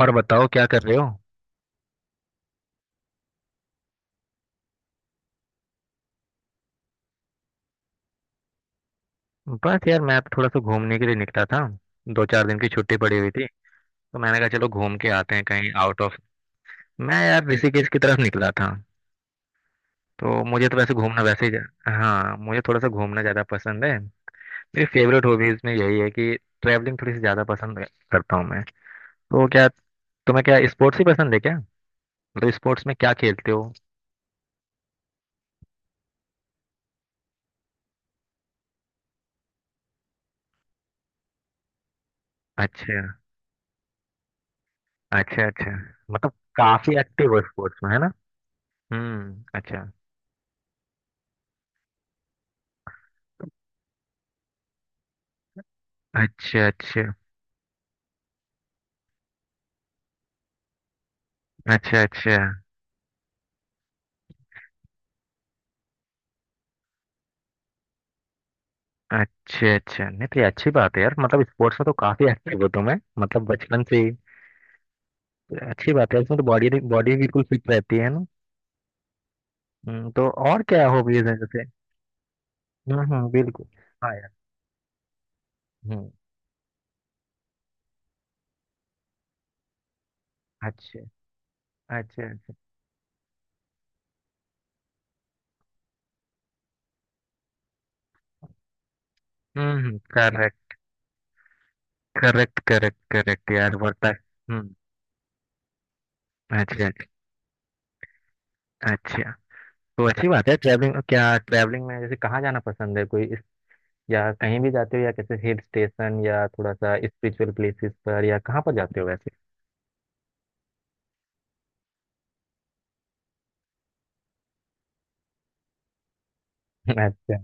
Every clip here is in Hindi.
और बताओ क्या कर रहे हो? बस यार मैं थोड़ा सा घूमने के लिए निकला था। दो चार दिन की छुट्टी पड़ी हुई थी, तो मैंने कहा चलो घूम के आते हैं कहीं आउट ऑफ। मैं यार ऋषिकेश की तरफ निकला था। तो मुझे तो वैसे घूमना वैसे ही। हाँ, मुझे थोड़ा सा घूमना ज़्यादा पसंद है। मेरी फेवरेट हॉबीज में यही है कि ट्रैवलिंग थोड़ी सी ज़्यादा पसंद करता हूँ मैं। तो क्या तुम्हें क्या स्पोर्ट्स ही पसंद है क्या? मतलब स्पोर्ट्स में क्या खेलते हो? अच्छा। अच्छा अच्छा। मतलब काफी एक्टिव हो स्पोर्ट्स में है ना? हम्म, अच्छा। अच्छा अच्छा। अच्छा अच्छा। अच्छा अच्छा नहीं तो ये अच्छी बात है यार, मतलब स्पोर्ट्स में तो काफी एक्टिव हो तुम्हें मतलब बचपन से ही। अच्छी बात है, इसमें तो बॉडी बॉडी बिल्कुल फिट रहती है ना। तो और क्या हॉबीज है जैसे? बिल्कुल। हाँ यार। हम्म। अच्छा। अच्छा अच्छा। करेक्ट। करेक्ट करेक्ट करेक्ट यार, बढ़ता है। हम्म। अच्छा। अच्छा अच्छा। तो अच्छी बात है, ट्रैवलिंग क्या ट्रैवलिंग में जैसे कहाँ जाना पसंद है या कहीं भी जाते हो या कैसे हिल स्टेशन या थोड़ा सा स्पिरिचुअल प्लेसेस पर या कहाँ पर जाते हो वैसे? अच्छा।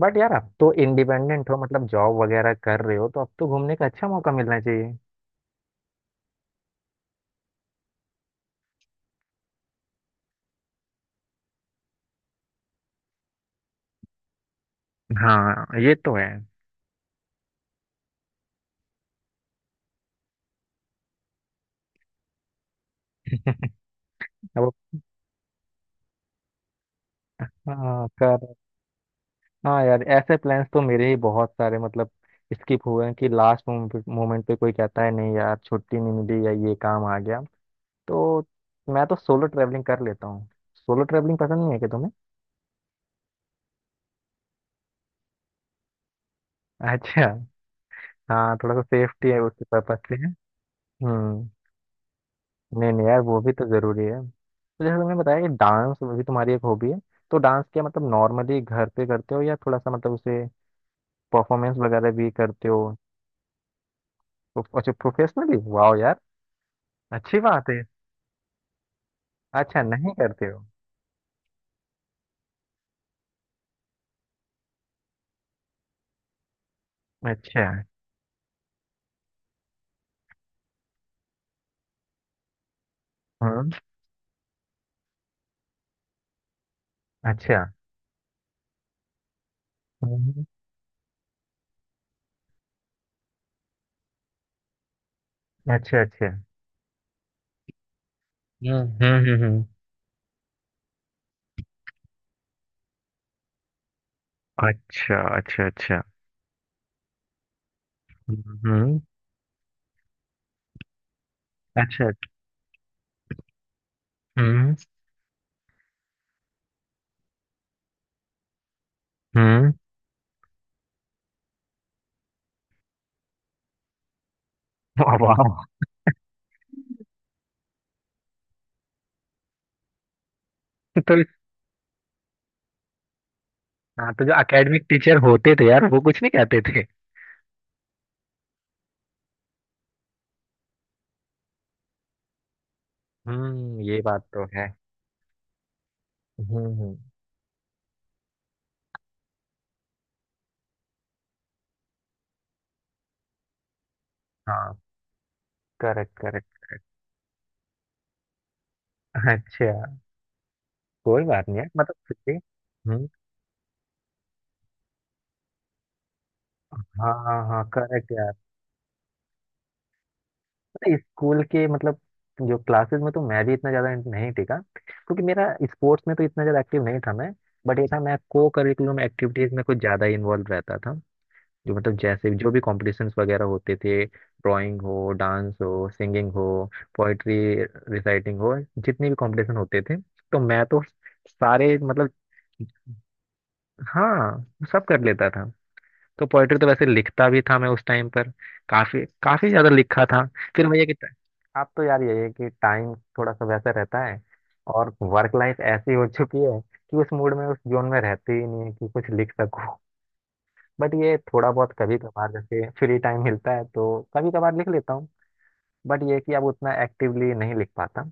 बट यार अब तो इंडिपेंडेंट हो मतलब जॉब वगैरह कर रहे हो तो अब तो घूमने का अच्छा मौका मिलना चाहिए। हाँ ये तो है। अब। हाँ कर हाँ यार, ऐसे प्लान्स तो मेरे ही बहुत सारे मतलब स्किप हुए हैं कि लास्ट मोमेंट पे कोई कहता है नहीं यार छुट्टी नहीं मिली या ये काम आ गया। तो मैं तो सोलो ट्रैवलिंग कर लेता हूँ। सोलो ट्रैवलिंग पसंद नहीं है क्या तुम्हें? अच्छा। हाँ थोड़ा सा सेफ्टी है उसके पर्पज से। हम्म। नहीं नहीं यार वो भी तो जरूरी है। तो जैसे तुमने बताया कि डांस भी तुम्हारी एक हॉबी है, तो डांस क्या मतलब नॉर्मली घर पे करते हो या थोड़ा सा मतलब उसे परफॉर्मेंस वगैरह भी करते हो? अच्छा प्रोफेशनली वाह यार, अच्छी बात है। अच्छा नहीं करते हो। अच्छा। हम्म। अच्छा। हम्म, अच्छा अच्छा। हम्म हम्म। अच्छा अच्छा। अच्छा। हम्म। अच्छा। हम्म हम्म। वाह वाह। तो हाँ, तो जो एकेडमिक टीचर होते थे यार वो कुछ नहीं कहते थे। हम्म, ये बात तो है। हम्म हम्म, हाँ करेक्ट करेक्ट। अच्छा कोई बात नहीं है मतलब फिर भी। हम्म। हाँ हाँ हाँ करेक्ट यार। पता है, स्कूल के मतलब जो क्लासेस में तो मैं भी इतना ज़्यादा नहीं टिका क्योंकि मेरा स्पोर्ट्स में तो इतना ज़्यादा एक्टिव नहीं था मैं। बट ये था मैं को करिकुलम एक्टिविटीज़ में कुछ ज़्यादा इन्वॉल्व रहता था। जो मतलब जैसे जो भी कॉम्पिटिशन्स वगैरह होते थे ड्राइंग हो डांस हो सिंगिंग हो पोइट्री रिसाइटिंग हो जितने भी कॉम्पिटिशन होते थे तो मैं तो सारे मतलब हाँ सब कर लेता था। तो पोइट्री तो वैसे लिखता भी था मैं उस टाइम पर। काफी काफी ज्यादा लिखा था। फिर मुझे कि आप तो यार ये है कि टाइम थोड़ा सा वैसा रहता है, और वर्क लाइफ ऐसी हो चुकी है कि उस मूड में उस जोन में रहते ही नहीं है कि कुछ लिख सकूं। बट ये थोड़ा बहुत कभी कभार जैसे फ्री टाइम मिलता है तो कभी कभार लिख लेता हूँ। बट ये है कि अब उतना एक्टिवली नहीं लिख पाता।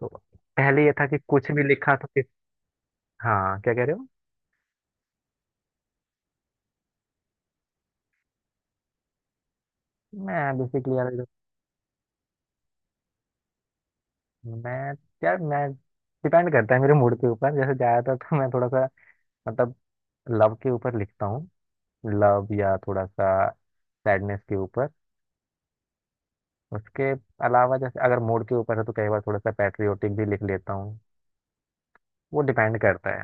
तो पहले ये था कि कुछ भी लिखा तो किस हाँ क्या कह रहे हो? मैं बेसिकली मैं यार मैं डिपेंड करता है मेरे मूड के ऊपर जैसे ज्यादातर तो मैं थोड़ा सा मतलब लव के ऊपर लिखता हूँ। लव या थोड़ा सा सैडनेस के ऊपर। उसके अलावा जैसे अगर मूड के ऊपर है तो कई बार थोड़ा सा पैट्रियोटिक भी लिख लेता हूँ। वो डिपेंड करता है।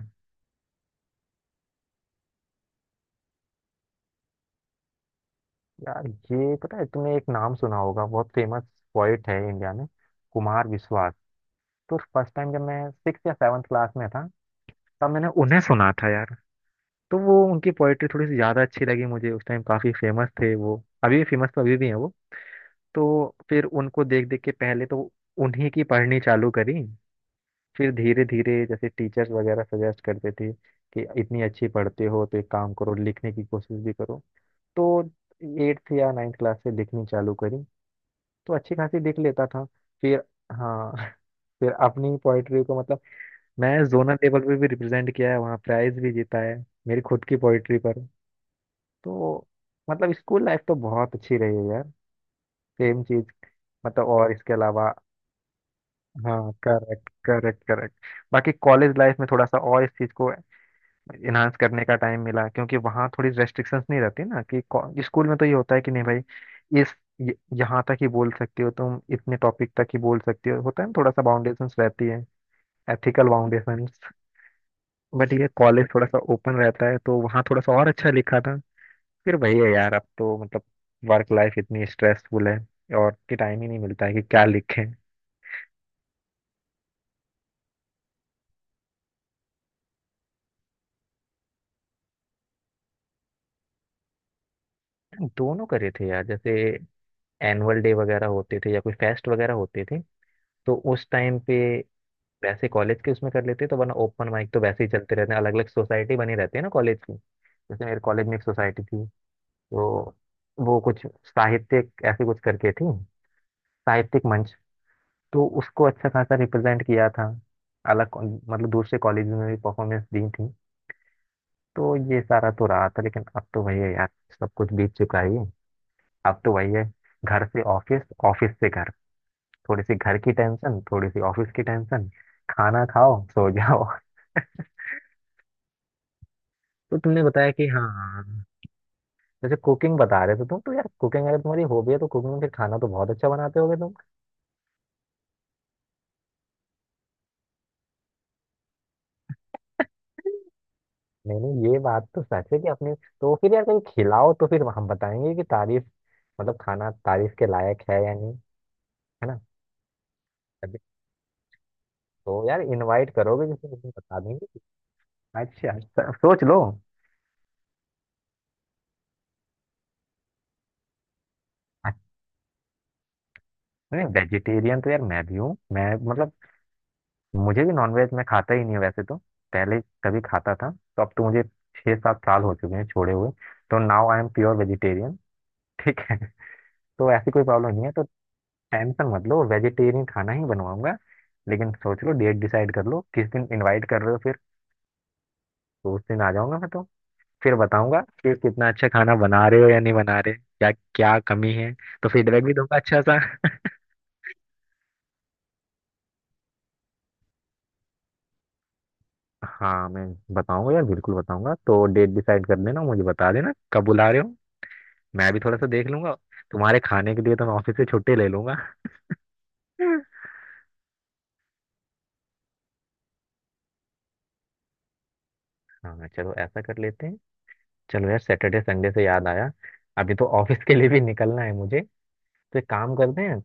यार ये पता है तुमने एक नाम सुना होगा, बहुत फेमस पोइट है इंडिया में, कुमार विश्वास। तो फर्स्ट टाइम जब मैं सिक्स या सेवन्थ क्लास में था तब मैंने उन्हें सुना था यार। तो वो उनकी पोइट्री थोड़ी सी ज़्यादा अच्छी लगी मुझे, उस टाइम काफ़ी फेमस थे वो। अभी फेमस तो अभी भी हैं वो। तो फिर उनको देख देख के पहले तो उन्हीं की पढ़नी चालू करी। फिर धीरे धीरे जैसे टीचर्स वगैरह सजेस्ट करते थे कि इतनी अच्छी पढ़ते हो तो एक काम करो लिखने की कोशिश भी करो। तो एट्थ या नाइन्थ क्लास से लिखनी चालू करी। तो अच्छी खासी लिख लेता था। फिर हाँ फिर अपनी पोइट्री को मतलब मैं जोनल लेवल पे भी रिप्रेजेंट किया है, वहाँ प्राइज भी जीता है मेरी खुद की पोइट्री। तो मतलब स्कूल लाइफ तो बहुत अच्छी रही है यार। सेम चीज, मतलब और इसके अलावा हाँ करेक्ट करेक्ट करेक्ट। बाकी कॉलेज लाइफ में थोड़ा सा और इस चीज को इनहांस करने का टाइम मिला क्योंकि वहाँ थोड़ी रेस्ट्रिक्शंस नहीं रहती ना कि स्कूल में तो ये होता है कि नहीं भाई इस यहाँ तक ही बोल सकते हो तुम इतने टॉपिक तक ही बोल सकते हो, होता है ना थोड़ा सा बाउंडेशंस रहती है, एथिकल बाउंडेशंस। बट ये कॉलेज थोड़ा सा ओपन रहता है तो वहाँ थोड़ा सा और अच्छा लिखा था। फिर वही है यार, अब तो मतलब वर्क लाइफ इतनी स्ट्रेसफुल है और कि टाइम ही नहीं मिलता है कि क्या लिखें। दोनों करे थे यार, जैसे एनुअल डे वगैरह होते थे या कोई फेस्ट वगैरह होते थे तो उस टाइम पे वैसे कॉलेज के उसमें कर लेते, तो वरना ओपन माइक तो वैसे ही चलते रहते हैं, अलग अलग सोसाइटी बनी रहती है ना कॉलेज की। जैसे मेरे कॉलेज में एक सोसाइटी थी, तो वो कुछ साहित्यिक ऐसे कुछ करके थी, साहित्यिक मंच। तो उसको अच्छा खासा रिप्रेजेंट किया था। अलग मतलब दूसरे कॉलेज में भी परफॉर्मेंस दी थी। तो ये सारा तो रहा था लेकिन अब तो वही है यार। सब कुछ बीत चुका ही है, अब तो वही है। घर से ऑफिस ऑफिस से घर, थोड़ी सी घर की टेंशन थोड़ी सी ऑफिस की टेंशन, खाना खाओ सो जाओ। तो तुमने बताया कि हाँ जैसे कुकिंग बता रहे थे तुम, तो यार कुकिंग अगर तुम्हारी हॉबी है तो कुकिंग में फिर खाना तो बहुत अच्छा बनाते होगे तुम। नहीं नहीं ये बात तो सच है कि अपने। तो फिर यार कहीं खिलाओ तो फिर हम बताएंगे कि तारीफ मतलब खाना तारीफ के लायक है या नहीं, है ना? अभी तो यार इनवाइट करोगे जिसे उसे बता देंगे। अच्छा तो सोच लो। अच्छा, नहीं वेजिटेरियन तो यार मैं भी हूँ मैं, मतलब मुझे भी नॉनवेज मैं खाता ही नहीं हूँ वैसे तो। पहले कभी खाता था तो अब तो मुझे 6-7 साल हो चुके हैं छोड़े हुए। तो now I am pure vegetarian, ठीक है। तो ऐसी कोई प्रॉब्लम नहीं है तो टेंशन मत लो वेजिटेरियन खाना ही बनवाऊंगा। लेकिन सोच लो डेट डिसाइड कर लो किस दिन इनवाइट कर रहे हो फिर। तो उस दिन आ जाऊंगा मैं तो। फिर बताऊंगा कि कितना अच्छा खाना बना रहे हो या नहीं बना रहे क्या क्या कमी है। तो फीडबैक भी दूंगा अच्छा सा। हाँ मैं बताऊंगा यार बिल्कुल बताऊंगा, तो डेट डिसाइड कर देना मुझे बता देना कब बुला रहे हो। मैं भी थोड़ा सा देख लूंगा, तुम्हारे खाने के लिए तो मैं ऑफिस से छुट्टी ले लूंगा। हाँ चलो ऐसा कर लेते हैं। चलो यार सैटरडे संडे से याद आया अभी तो ऑफिस के लिए भी निकलना है मुझे। तो एक काम करते हैं,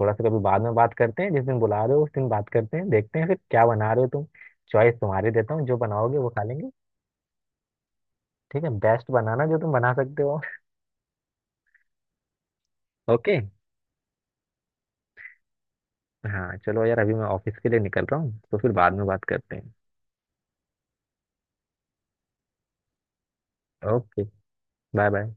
थोड़ा सा कभी बाद में बात करते हैं जिस दिन बुला रहे हो उस दिन बात करते हैं देखते हैं फिर क्या बना रहे हो तुम। चॉइस तुम्हारी देता हूँ जो बनाओगे वो खा लेंगे। ठीक है, बेस्ट बनाना जो तुम बना सकते हो। ओके। हाँ चलो यार अभी मैं ऑफिस के लिए निकल रहा हूँ तो फिर बाद में बात करते हैं। Okay, bye bye.